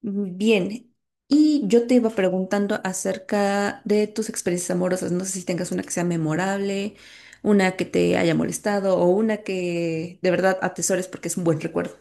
Bien, y yo te iba preguntando acerca de tus experiencias amorosas. No sé si tengas una que sea memorable, una que te haya molestado o una que de verdad atesores porque es un buen recuerdo.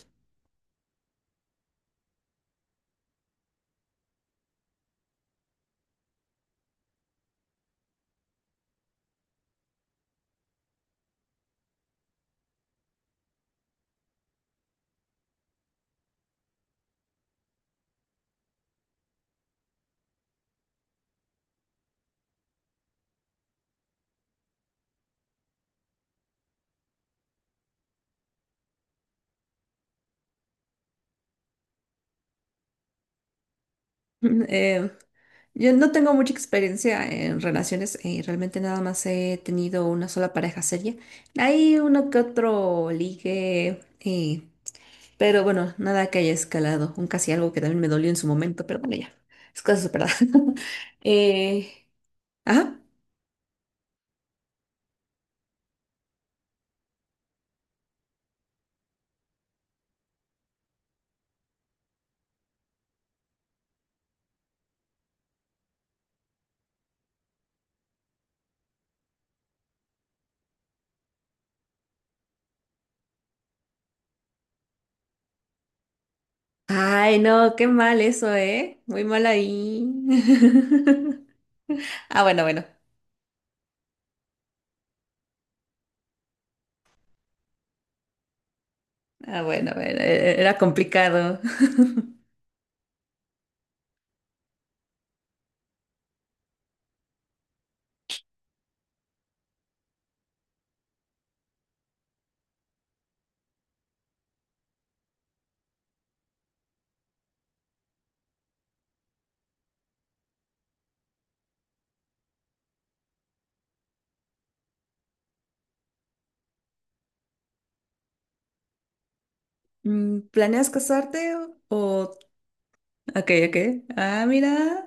Eh, yo no tengo mucha experiencia en relaciones, realmente nada más he tenido una sola pareja seria. Hay uno que otro ligue, pero bueno, nada que haya escalado, un casi algo que también me dolió en su momento, pero bueno, ya, es cosa superada. eh, ajá. Ay, no, qué mal eso, ¿eh? Muy mal ahí. Ah, bueno, bueno. Ah, bueno, bueno, era complicado. ¿Planeas casarte o...? Ok, ok. Ah, mira.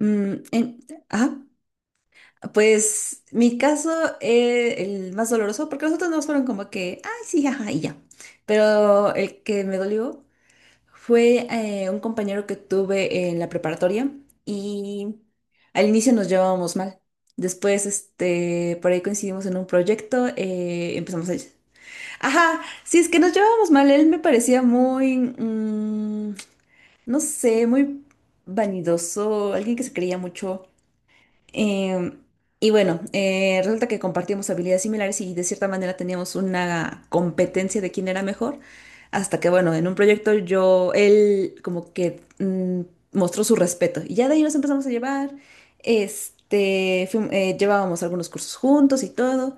Mm, en- Ah, pues mi caso, es el más doloroso, porque los otros no fueron como que, ay, sí, ajá, y ya. Pero el que me dolió fue un compañero que tuve en la preparatoria y al inicio nos llevábamos mal. Después, este, por ahí coincidimos en un proyecto, empezamos a... Ajá, sí, es que nos llevábamos mal. Él me parecía muy, no sé, muy vanidoso, alguien que se creía mucho. Em, y bueno, resulta que compartíamos habilidades similares y de cierta manera teníamos una competencia de quién era mejor, hasta que bueno, en un proyecto yo, él como que mostró su respeto y ya de ahí nos empezamos a llevar, este, llevábamos algunos cursos juntos y todo,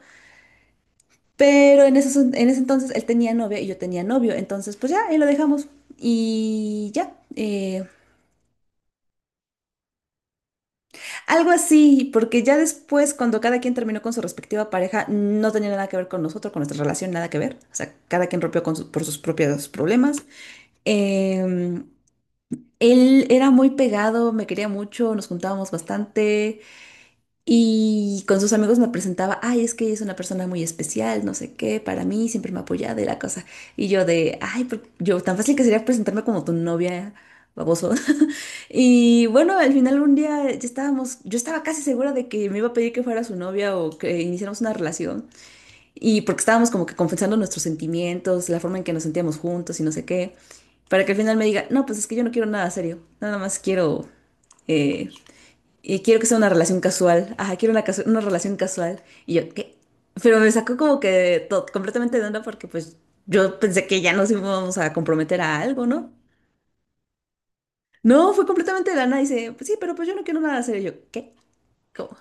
pero en ese entonces él tenía novia y yo tenía novio, entonces pues ya, ahí lo dejamos y ya. Algo así, porque ya después, cuando cada quien terminó con su respectiva pareja, no tenía nada que ver con nosotros, con nuestra relación, nada que ver. O sea, cada quien rompió con por sus propios problemas. Eh, él era muy pegado, me quería mucho, nos juntábamos bastante y con sus amigos me presentaba, ay, es que ella es una persona muy especial, no sé qué, para mí siempre me apoyaba apoyado y la cosa. Y yo de, ay, yo tan fácil que sería presentarme como tu novia, baboso. Y bueno, al final un día ya estábamos, yo estaba casi segura de que me iba a pedir que fuera su novia o que iniciáramos una relación. Y porque estábamos como que confesando nuestros sentimientos, la forma en que nos sentíamos juntos y no sé qué. Para que al final me diga, no, pues es que yo no quiero nada serio. Nada más quiero, eh, quiero que sea una relación casual. Ajá, quiero una, una relación casual. Y yo, ¿qué? Pero me sacó como que completamente de onda porque pues yo pensé que ya nos íbamos a comprometer a algo, ¿no? No, fue completamente de la nada. Dice, pues sí, pero pues yo no quiero nada hacer. Y yo, ¿qué? ¿Cómo?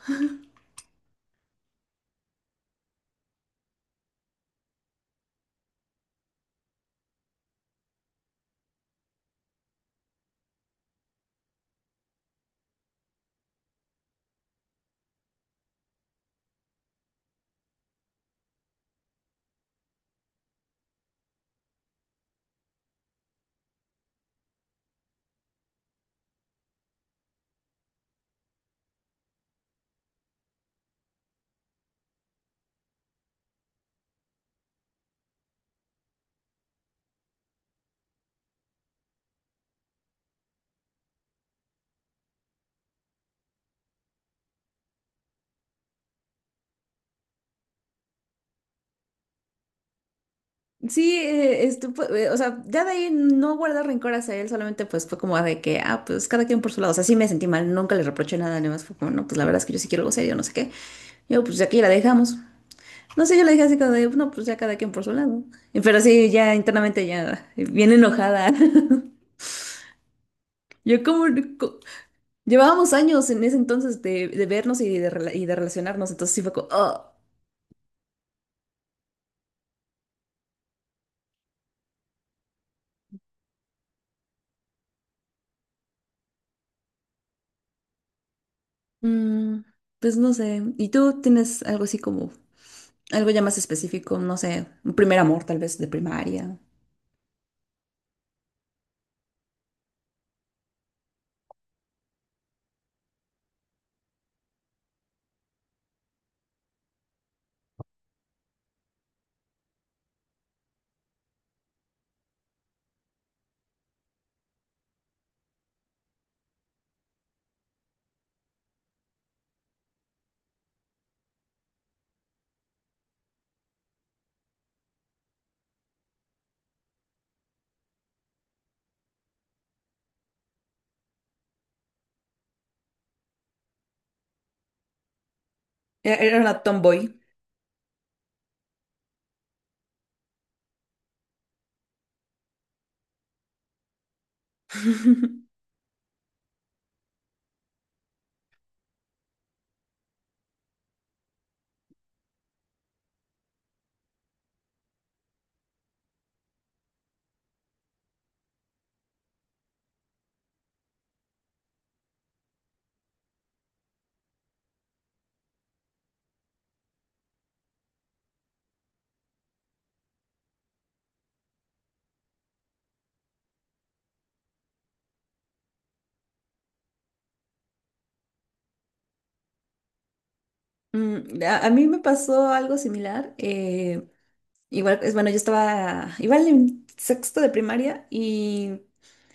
Sí, este, o sea, ya de ahí no guardar rencor hacia él, solamente pues fue como de que, ah, pues cada quien por su lado. O sea, sí me sentí mal, nunca le reproché nada, nada más fue como, no, pues la verdad es que yo sí quiero algo serio, no sé qué. Yo, pues aquí la dejamos. No sé, yo la dejé así como de, no, pues ya cada quien por su lado. Pero sí, ya internamente ya, bien enojada. Yo como, co- llevábamos años en ese entonces de vernos y de relacionarnos, entonces sí fue como, "Oh". Mm, pues no sé. ¿Y tú tienes algo así como, algo ya más específico? No sé, un primer amor tal vez de primaria. Era una tomboy. Mm, a mí me pasó algo similar. Igual, es bueno, yo estaba igual en sexto de primaria y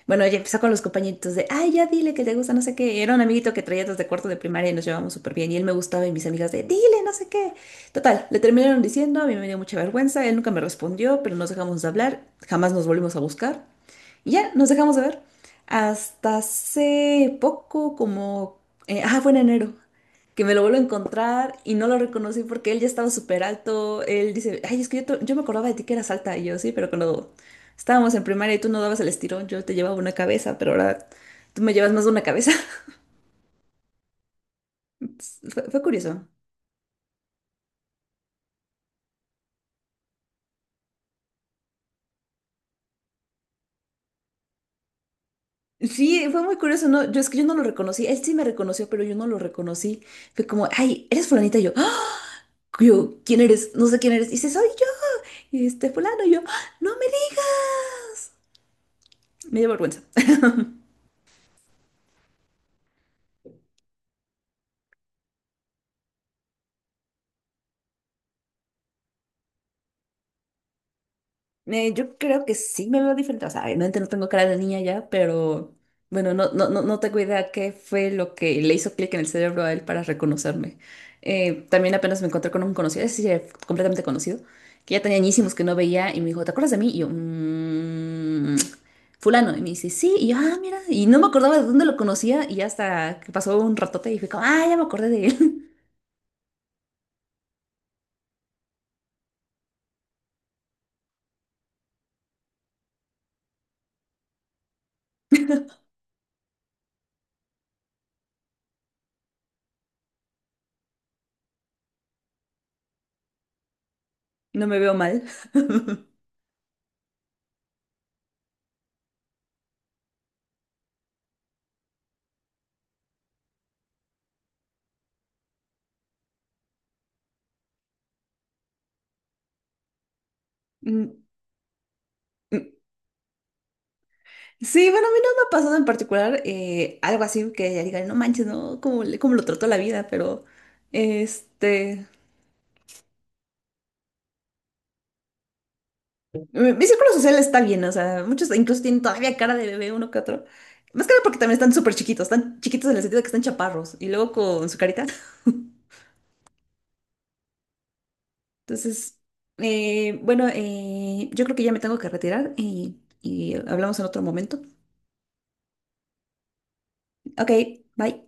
bueno, ella empezó con los compañeritos de, ay, ya dile que te gusta, no sé qué. Era un amiguito que traía desde cuarto de primaria y nos llevábamos súper bien. Y él me gustaba y mis amigas de, dile, no sé qué. Total, le terminaron diciendo, a mí me dio mucha vergüenza, él nunca me respondió, pero nos dejamos de hablar, jamás nos volvimos a buscar. Y ya, nos dejamos de ver. Hasta hace poco, como, fue en enero, que me lo vuelvo a encontrar y no lo reconocí porque él ya estaba súper alto. Él dice, ay, es que yo, yo me acordaba de ti que eras alta. Y yo, sí, pero cuando estábamos en primaria y tú no dabas el estirón, yo te llevaba una cabeza, pero ahora tú me llevas más de una cabeza. Fue curioso. Sí, fue muy curioso, ¿no? Yo es que yo no lo reconocí. Él sí me reconoció, pero yo no lo reconocí. Fue como, ay, eres fulanita. Y yo, "Ah", yo, ¿quién eres? No sé quién eres. Y dice, soy yo. Y este fulano. Y yo, "Ah, no me digas. Me dio vergüenza. Yo creo que sí me veo diferente. O sea, obviamente no tengo cara de niña ya, pero bueno, no tengo idea qué fue lo que le hizo clic en el cerebro a él para reconocerme. También apenas me encontré con un conocido, ese sí era completamente conocido, que ya tenía añísimos que no veía y me dijo, ¿te acuerdas de mí? Y yo, "Mm, fulano. Y me dice, sí. Y yo, ah, mira. Y no me acordaba de dónde lo conocía y hasta que pasó un ratote y fui como, ah, ya me acordé de él. No me veo mal. Mm, mm. Sí, bueno, a mí no me ha pasado en particular algo así que ya digan, no manches, ¿no? ¿Cómo, cómo lo trató la vida? Pero, este, mi círculo social está bien, o sea, muchos incluso tienen todavía cara de bebé uno que otro. Más que nada porque también están súper chiquitos, están chiquitos en el sentido de que están chaparros y luego con su carita. Entonces, bueno, yo creo que ya me tengo que retirar y hablamos en otro momento. Ok, bye.